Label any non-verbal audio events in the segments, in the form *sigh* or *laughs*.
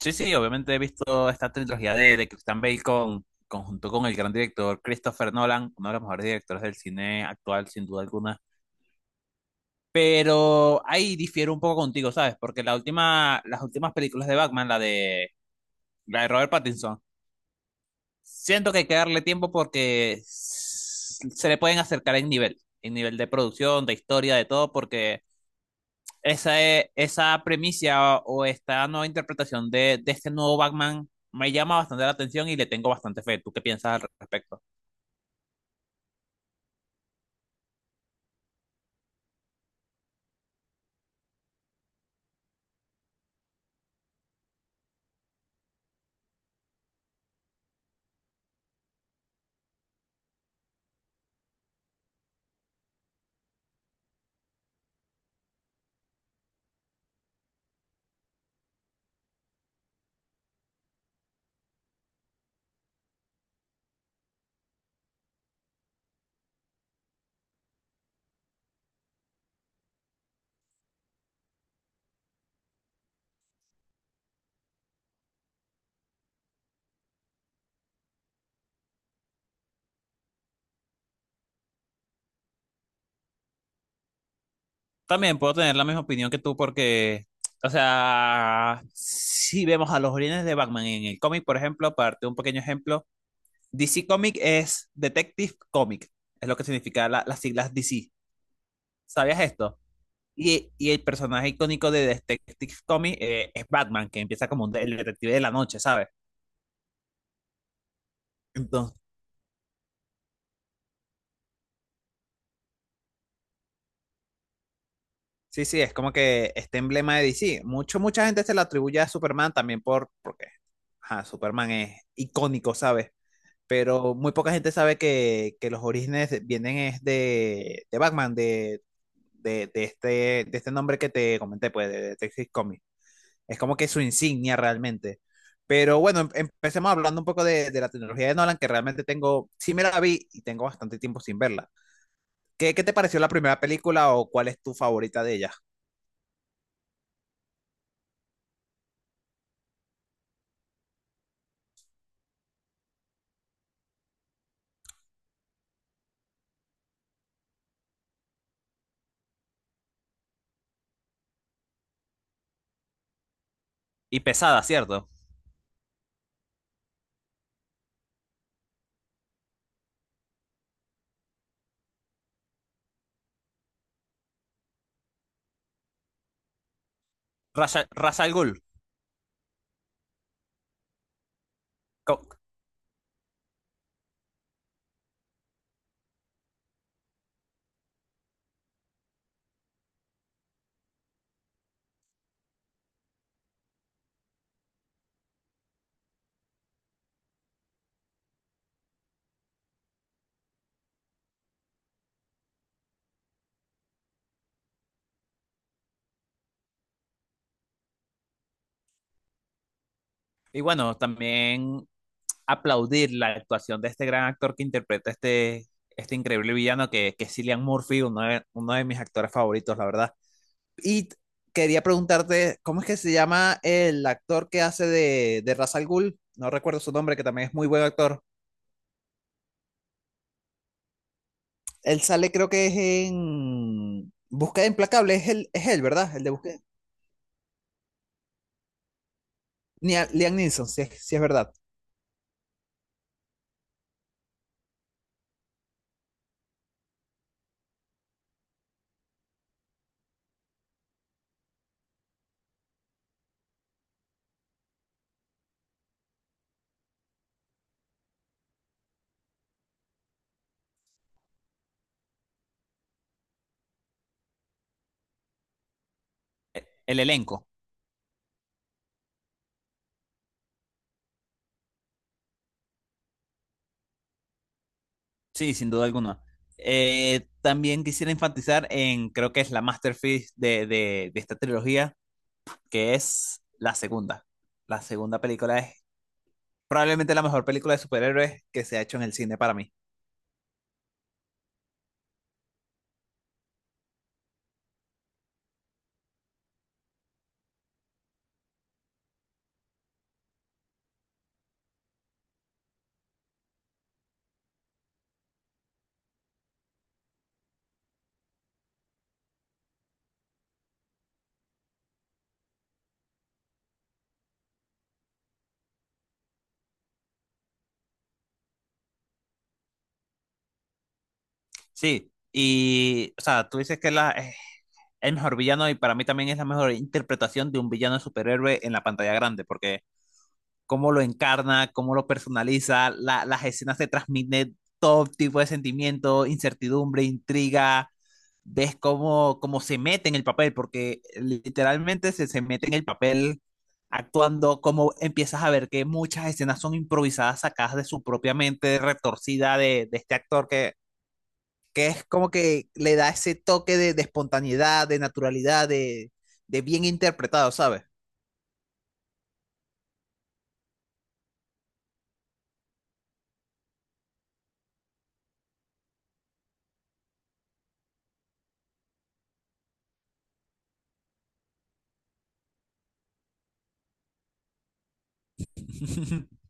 Sí, sí, obviamente he visto esta trilogía de Christian Bale conjunto con el gran director Christopher Nolan, uno de los mejores directores del cine actual, sin duda alguna. Pero ahí difiero un poco contigo, ¿sabes? Porque las últimas películas de Batman, la de Robert Pattinson, siento que hay que darle tiempo porque se le pueden acercar en nivel de producción, de historia, de todo, porque esa premisa o esta nueva interpretación de este nuevo Batman me llama bastante la atención y le tengo bastante fe. ¿Tú qué piensas al respecto? También puedo tener la misma opinión que tú porque, o sea, si vemos a los orígenes de Batman en el cómic, por ejemplo, para darte un pequeño ejemplo, DC Comic es Detective Comic, es lo que significa las siglas DC. ¿Sabías esto? Y el personaje icónico de Detective Comic es Batman, que empieza como un el detective de la noche, ¿sabes? Sí, sí, es como que este emblema de DC. Mucha gente se lo atribuye a Superman también porque ajá, Superman es icónico, ¿sabes? Pero muy poca gente sabe que los orígenes vienen es de Batman, de, de este, de este nombre que te comenté, pues, de Detective Comics. Es como que su insignia realmente. Pero bueno, empecemos hablando un poco de la tecnología de Nolan, que realmente tengo, sí me la vi y tengo bastante tiempo sin verla. ¿ qué te pareció la primera película o cuál es tu favorita de ellas? Y pesada, ¿cierto? Ra's al Ghul. Y bueno, también aplaudir la actuación de este gran actor que interpreta este increíble villano que es Cillian Murphy, uno de mis actores favoritos, la verdad. Y quería preguntarte, ¿cómo es que se llama el actor que hace de Ra's al Ghul? No recuerdo su nombre, que también es muy buen actor. Él sale, creo que es en Búsqueda Implacable, es él, ¿verdad? El de Búsqueda. Liam Neeson, si es verdad. El elenco. Sí, sin duda alguna. También quisiera enfatizar en, creo que es la masterpiece de esta trilogía, que es la segunda. La segunda película es probablemente la mejor película de superhéroes que se ha hecho en el cine para mí. Sí, y, o sea, tú dices que es el mejor villano y para mí también es la mejor interpretación de un villano de superhéroe en la pantalla grande, porque cómo lo encarna, cómo lo personaliza, las escenas te transmiten todo tipo de sentimiento, incertidumbre, intriga, ves cómo, cómo se mete en el papel, porque literalmente se mete en el papel actuando, como empiezas a ver que muchas escenas son improvisadas, sacadas de su propia mente retorcida de este actor que es como que le da ese toque de espontaneidad, de naturalidad, de bien interpretado, ¿sabes? *laughs*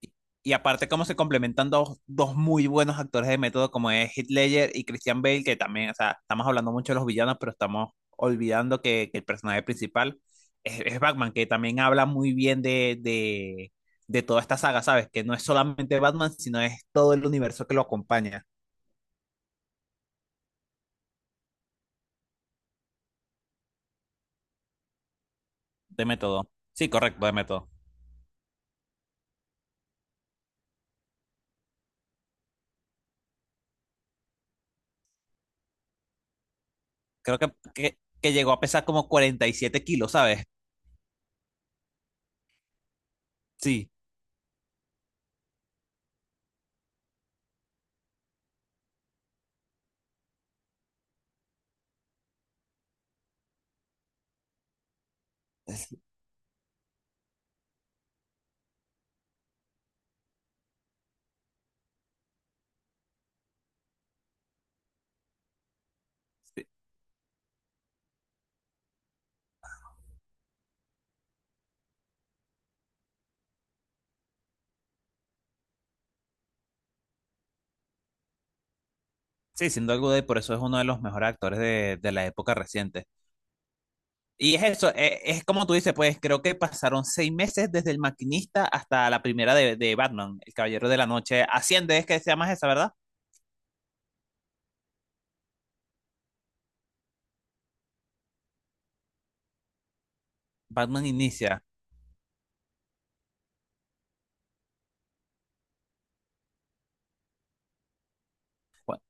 Y y aparte cómo se complementan dos muy buenos actores de método como es Heath Ledger y Christian Bale, que también, o sea, estamos hablando mucho de los villanos, pero estamos olvidando que el personaje principal es Batman, que también habla muy bien de toda esta saga, ¿sabes? Que no es solamente Batman, sino es todo el universo que lo acompaña de método. Sí, correcto, de método. Creo que llegó a pesar como 47 kilos, ¿sabes? Sí, sí, sí, sin duda, y por eso es uno de los mejores actores de la época reciente. Y es eso, como tú dices, pues creo que pasaron seis meses desde El Maquinista hasta la primera de Batman, El Caballero de la Noche. Asciende, es que se llama esa, ¿verdad? Batman Inicia. Bueno,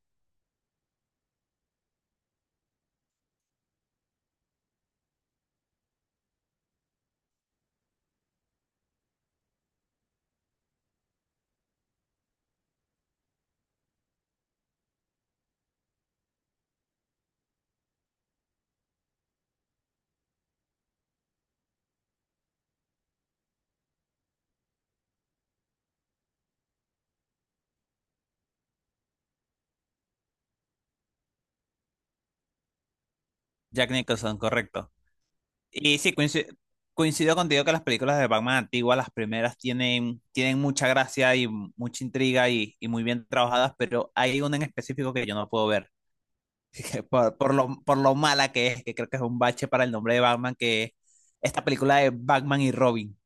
Jack Nicholson, correcto. Y sí, coincido, contigo que las películas de Batman antiguas, las primeras, tienen, tienen mucha gracia y mucha intriga y muy bien trabajadas, pero hay una en específico que yo no puedo ver, *laughs* que por lo mala que es, que creo que es un bache para el nombre de Batman, que es esta película de Batman y Robin.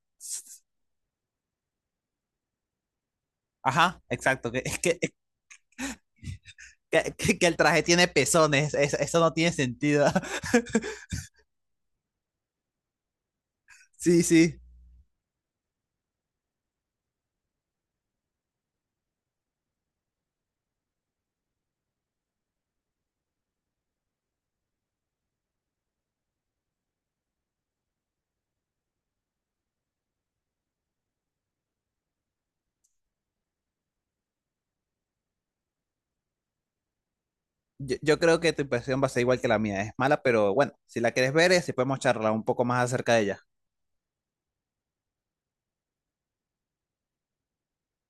Ajá, exacto. Que el traje tiene pezones. Es- eso no tiene sentido. *laughs* Sí, sí. Yo creo que tu impresión va a ser igual que la mía. Es mala, pero bueno, si la quieres ver, si podemos charlar un poco más acerca de ella.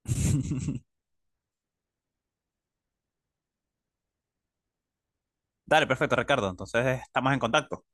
*laughs* Dale, perfecto, Ricardo. Entonces estamos en contacto.